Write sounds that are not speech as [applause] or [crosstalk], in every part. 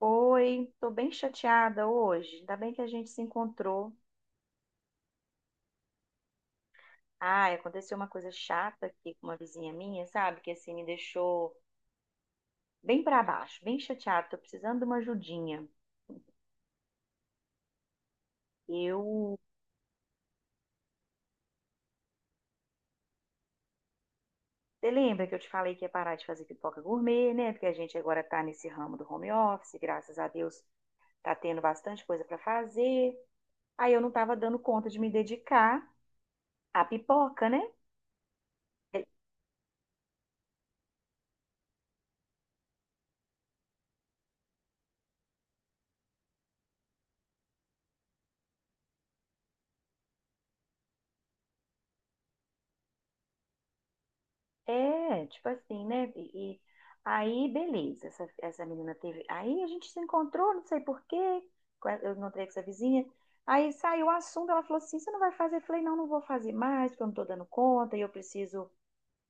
Oi, tô bem chateada hoje. Ainda bem que a gente se encontrou. Ai, aconteceu uma coisa chata aqui com uma vizinha minha, sabe? Que assim me deixou bem pra baixo, bem chateada. Tô precisando de uma ajudinha. Eu, você lembra que eu te falei que ia parar de fazer pipoca gourmet, né? Porque a gente agora tá nesse ramo do home office, graças a Deus tá tendo bastante coisa pra fazer. Aí eu não tava dando conta de me dedicar à pipoca, né? É, tipo assim, né? E aí, beleza, essa menina teve. Aí a gente se encontrou, não sei por quê, eu encontrei com essa vizinha. Aí saiu o assunto, ela falou assim: você não vai fazer? Eu falei: não, não vou fazer mais, porque eu não tô dando conta e eu preciso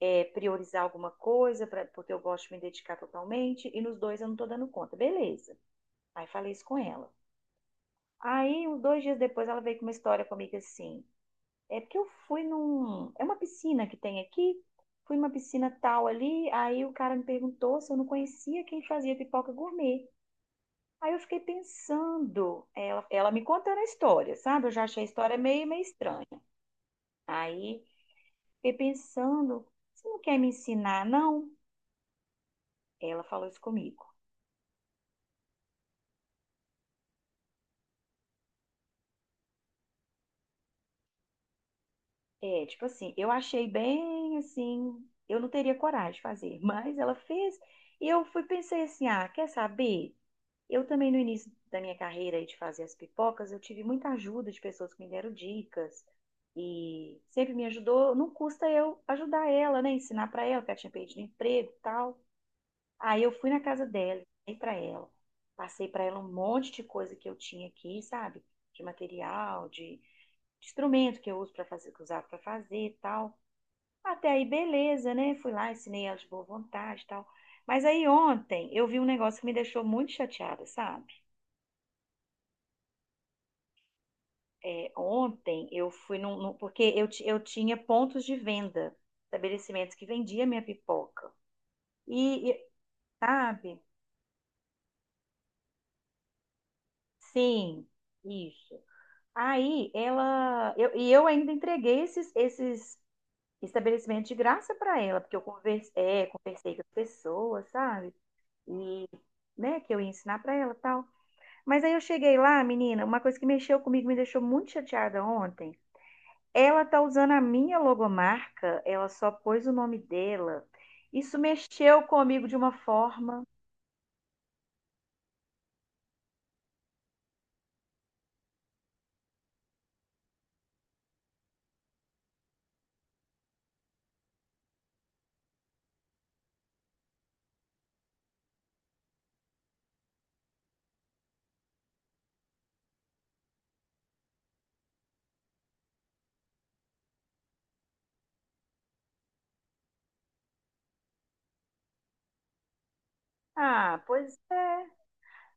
é, priorizar alguma coisa, pra, porque eu gosto de me dedicar totalmente e nos dois eu não tô dando conta. Beleza. Aí falei isso com ela. Aí, uns dois dias depois, ela veio com uma história comigo assim. É porque eu fui num. É uma piscina que tem aqui. Fui numa piscina tal ali. Aí o cara me perguntou se eu não conhecia quem fazia pipoca gourmet. Aí eu fiquei pensando, ela me contando a história, sabe? Eu já achei a história meio, meio estranha. Aí fiquei pensando, você não quer me ensinar, não? Ela falou isso comigo. É, tipo assim, eu achei bem assim, eu não teria coragem de fazer, [laughs] mas ela fez. E eu fui pensei assim, ah, quer saber? Eu também, no início da minha carreira aí de fazer as pipocas, eu tive muita ajuda de pessoas que me deram dicas e sempre me ajudou. Não custa eu ajudar ela, né? Ensinar pra ela, porque ela tinha perdido emprego e tal. Aí eu fui na casa dela, ensinei pra ela. Passei pra ela um monte de coisa que eu tinha aqui, sabe? De material, de instrumento que eu uso para fazer, que eu usava pra fazer e tal. Até aí, beleza, né? Fui lá, ensinei ela de boa vontade e tal. Mas aí ontem eu vi um negócio que me deixou muito chateada, sabe? É, ontem eu fui num, num- porque eu tinha pontos de venda, estabelecimentos que vendiam minha pipoca. E, e, sabe? Sim, isso. Aí ela, eu, e eu ainda entreguei esses, estabelecimentos de graça para ela, porque eu conversei, é, conversei com as pessoas, sabe? E, né, que eu ia ensinar para ela e tal. Mas aí eu cheguei lá, menina, uma coisa que mexeu comigo, me deixou muito chateada ontem. Ela tá usando a minha logomarca, ela só pôs o nome dela. Isso mexeu comigo de uma forma. Ah, pois é.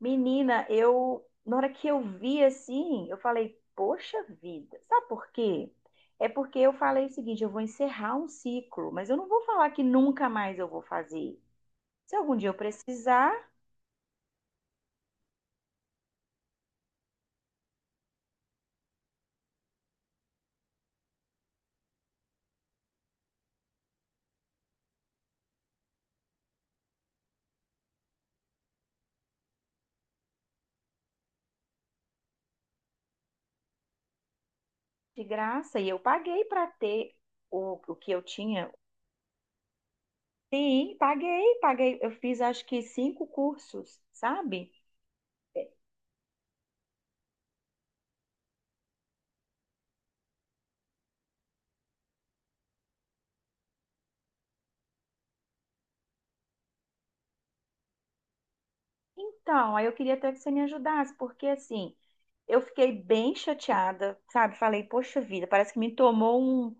Menina, eu na hora que eu vi assim, eu falei, poxa vida. Sabe por quê? É porque eu falei o seguinte, eu vou encerrar um ciclo, mas eu não vou falar que nunca mais eu vou fazer. Se algum dia eu precisar, de graça, e eu paguei para ter o que eu tinha. Sim, paguei, paguei. Eu fiz acho que cinco cursos, sabe? Então, aí eu queria até que você me ajudasse, porque assim, eu fiquei bem chateada, sabe? Falei, poxa vida, parece que me tomou um,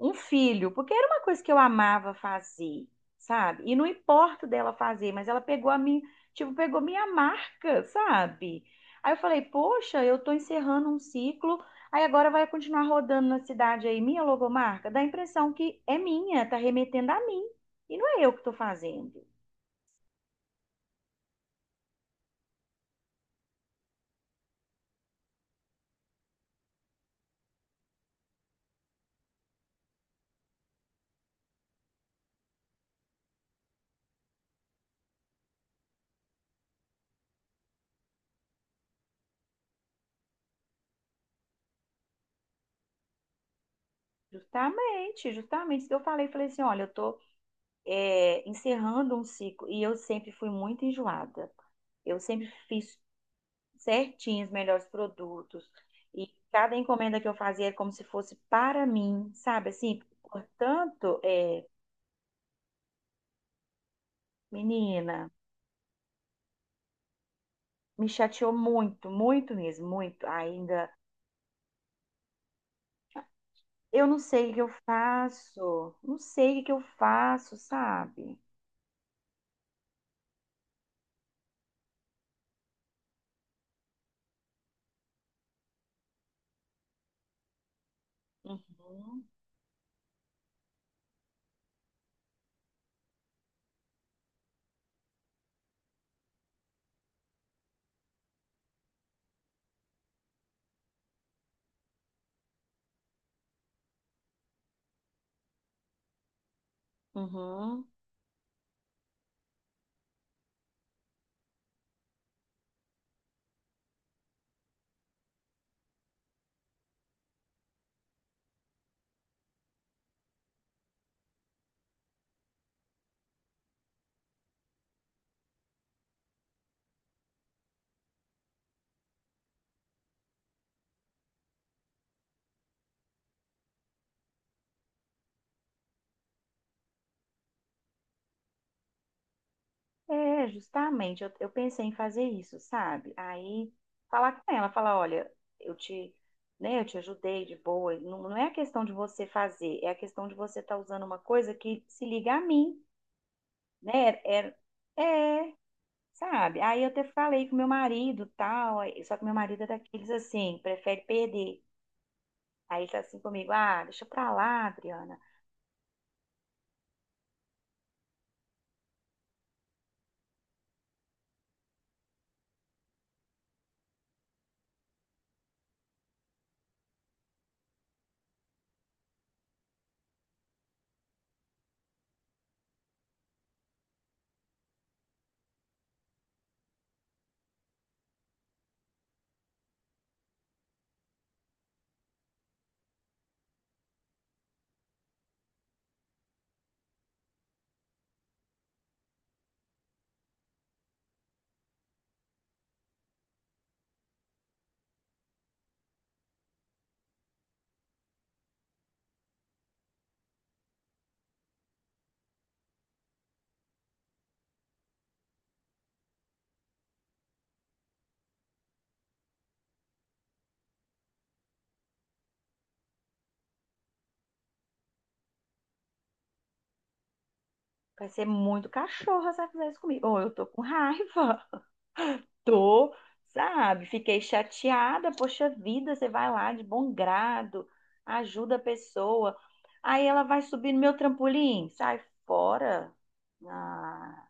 um filho, porque era uma coisa que eu amava fazer, sabe? E não importa dela fazer, mas ela pegou a minha, tipo, pegou minha marca, sabe? Aí eu falei, poxa, eu tô encerrando um ciclo, aí agora vai continuar rodando na cidade aí, minha logomarca, dá a impressão que é minha, tá remetendo a mim, e não é eu que tô fazendo. Justamente, justamente isso que eu falei. Falei assim: olha, eu estou encerrando um ciclo e eu sempre fui muito enjoada. Eu sempre fiz certinho os melhores produtos e cada encomenda que eu fazia era como se fosse para mim, sabe? Assim, portanto, é, menina, me chateou muito, muito mesmo, muito. Ainda eu não sei o que eu faço, não sei o que eu faço, sabe? Uhum, uhum. É, justamente, eu pensei em fazer isso, sabe? Aí falar com ela, falar, olha, eu te, né, eu te ajudei de boa. Não, não é a questão de você fazer, é a questão de você estar usando uma coisa que se liga a mim, né? É, sabe? Aí eu até falei com meu marido, tal, aí- Só que meu marido é daqueles assim, prefere perder. Aí ele tá assim comigo, ah, deixa pra lá, Adriana. Vai ser muito cachorro se ela fizer isso comigo. Ou eu tô com raiva. Tô, sabe? Fiquei chateada, poxa vida, você vai lá de bom grado, ajuda a pessoa. Aí ela vai subir no meu trampolim, sai fora. Ah,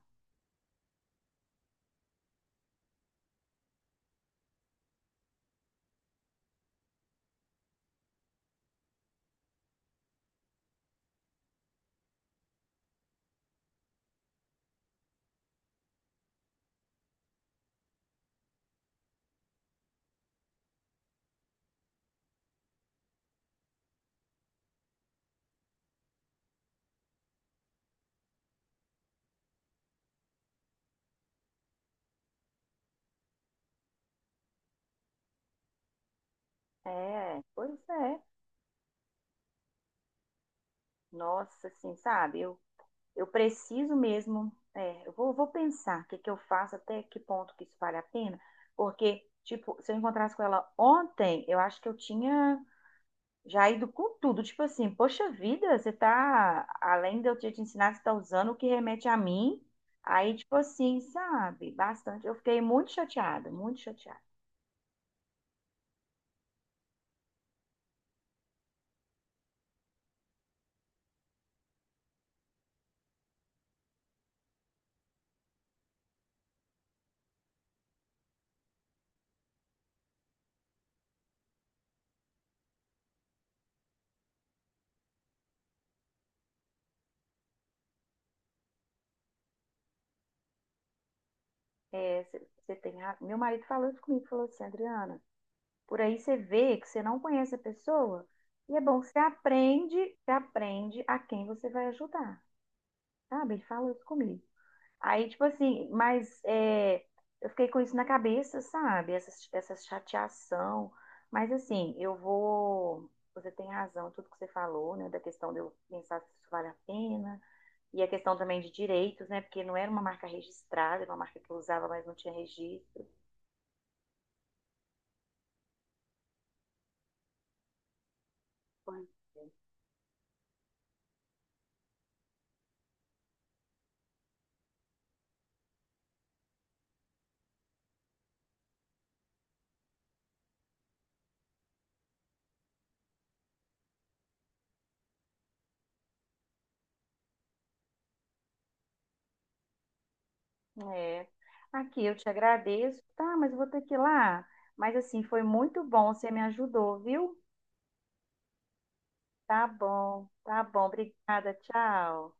é, pois é. Nossa, assim, sabe? Eu preciso mesmo, é, eu vou pensar o que que eu faço, até que ponto que isso vale a pena, porque, tipo, se eu encontrasse com ela ontem, eu acho que eu tinha. Já ido com tudo, tipo assim, poxa vida, você tá, além de eu ter te ensinado, você tá usando o que remete a mim. Aí, tipo assim, sabe, bastante. Eu fiquei muito chateada, muito chateada. É, Meu marido falou isso comigo, falou assim, Adriana, por aí você vê que você não conhece a pessoa, e é bom, você aprende a quem você vai ajudar, sabe? Ele falou isso comigo. Aí, tipo assim, mas é, eu fiquei com isso na cabeça, sabe? Essa chateação. Mas assim, eu vou. Você tem razão, tudo que você falou, né? Da questão de eu pensar se isso vale a pena. E a questão também de direitos, né? Porque não era uma marca registrada, era uma marca que eu usava, mas não tinha registro. Foi. É. Aqui, eu te agradeço. Tá, mas eu vou ter que ir lá. Mas assim, foi muito bom, você me ajudou, viu? Tá bom, tá bom. Obrigada, tchau.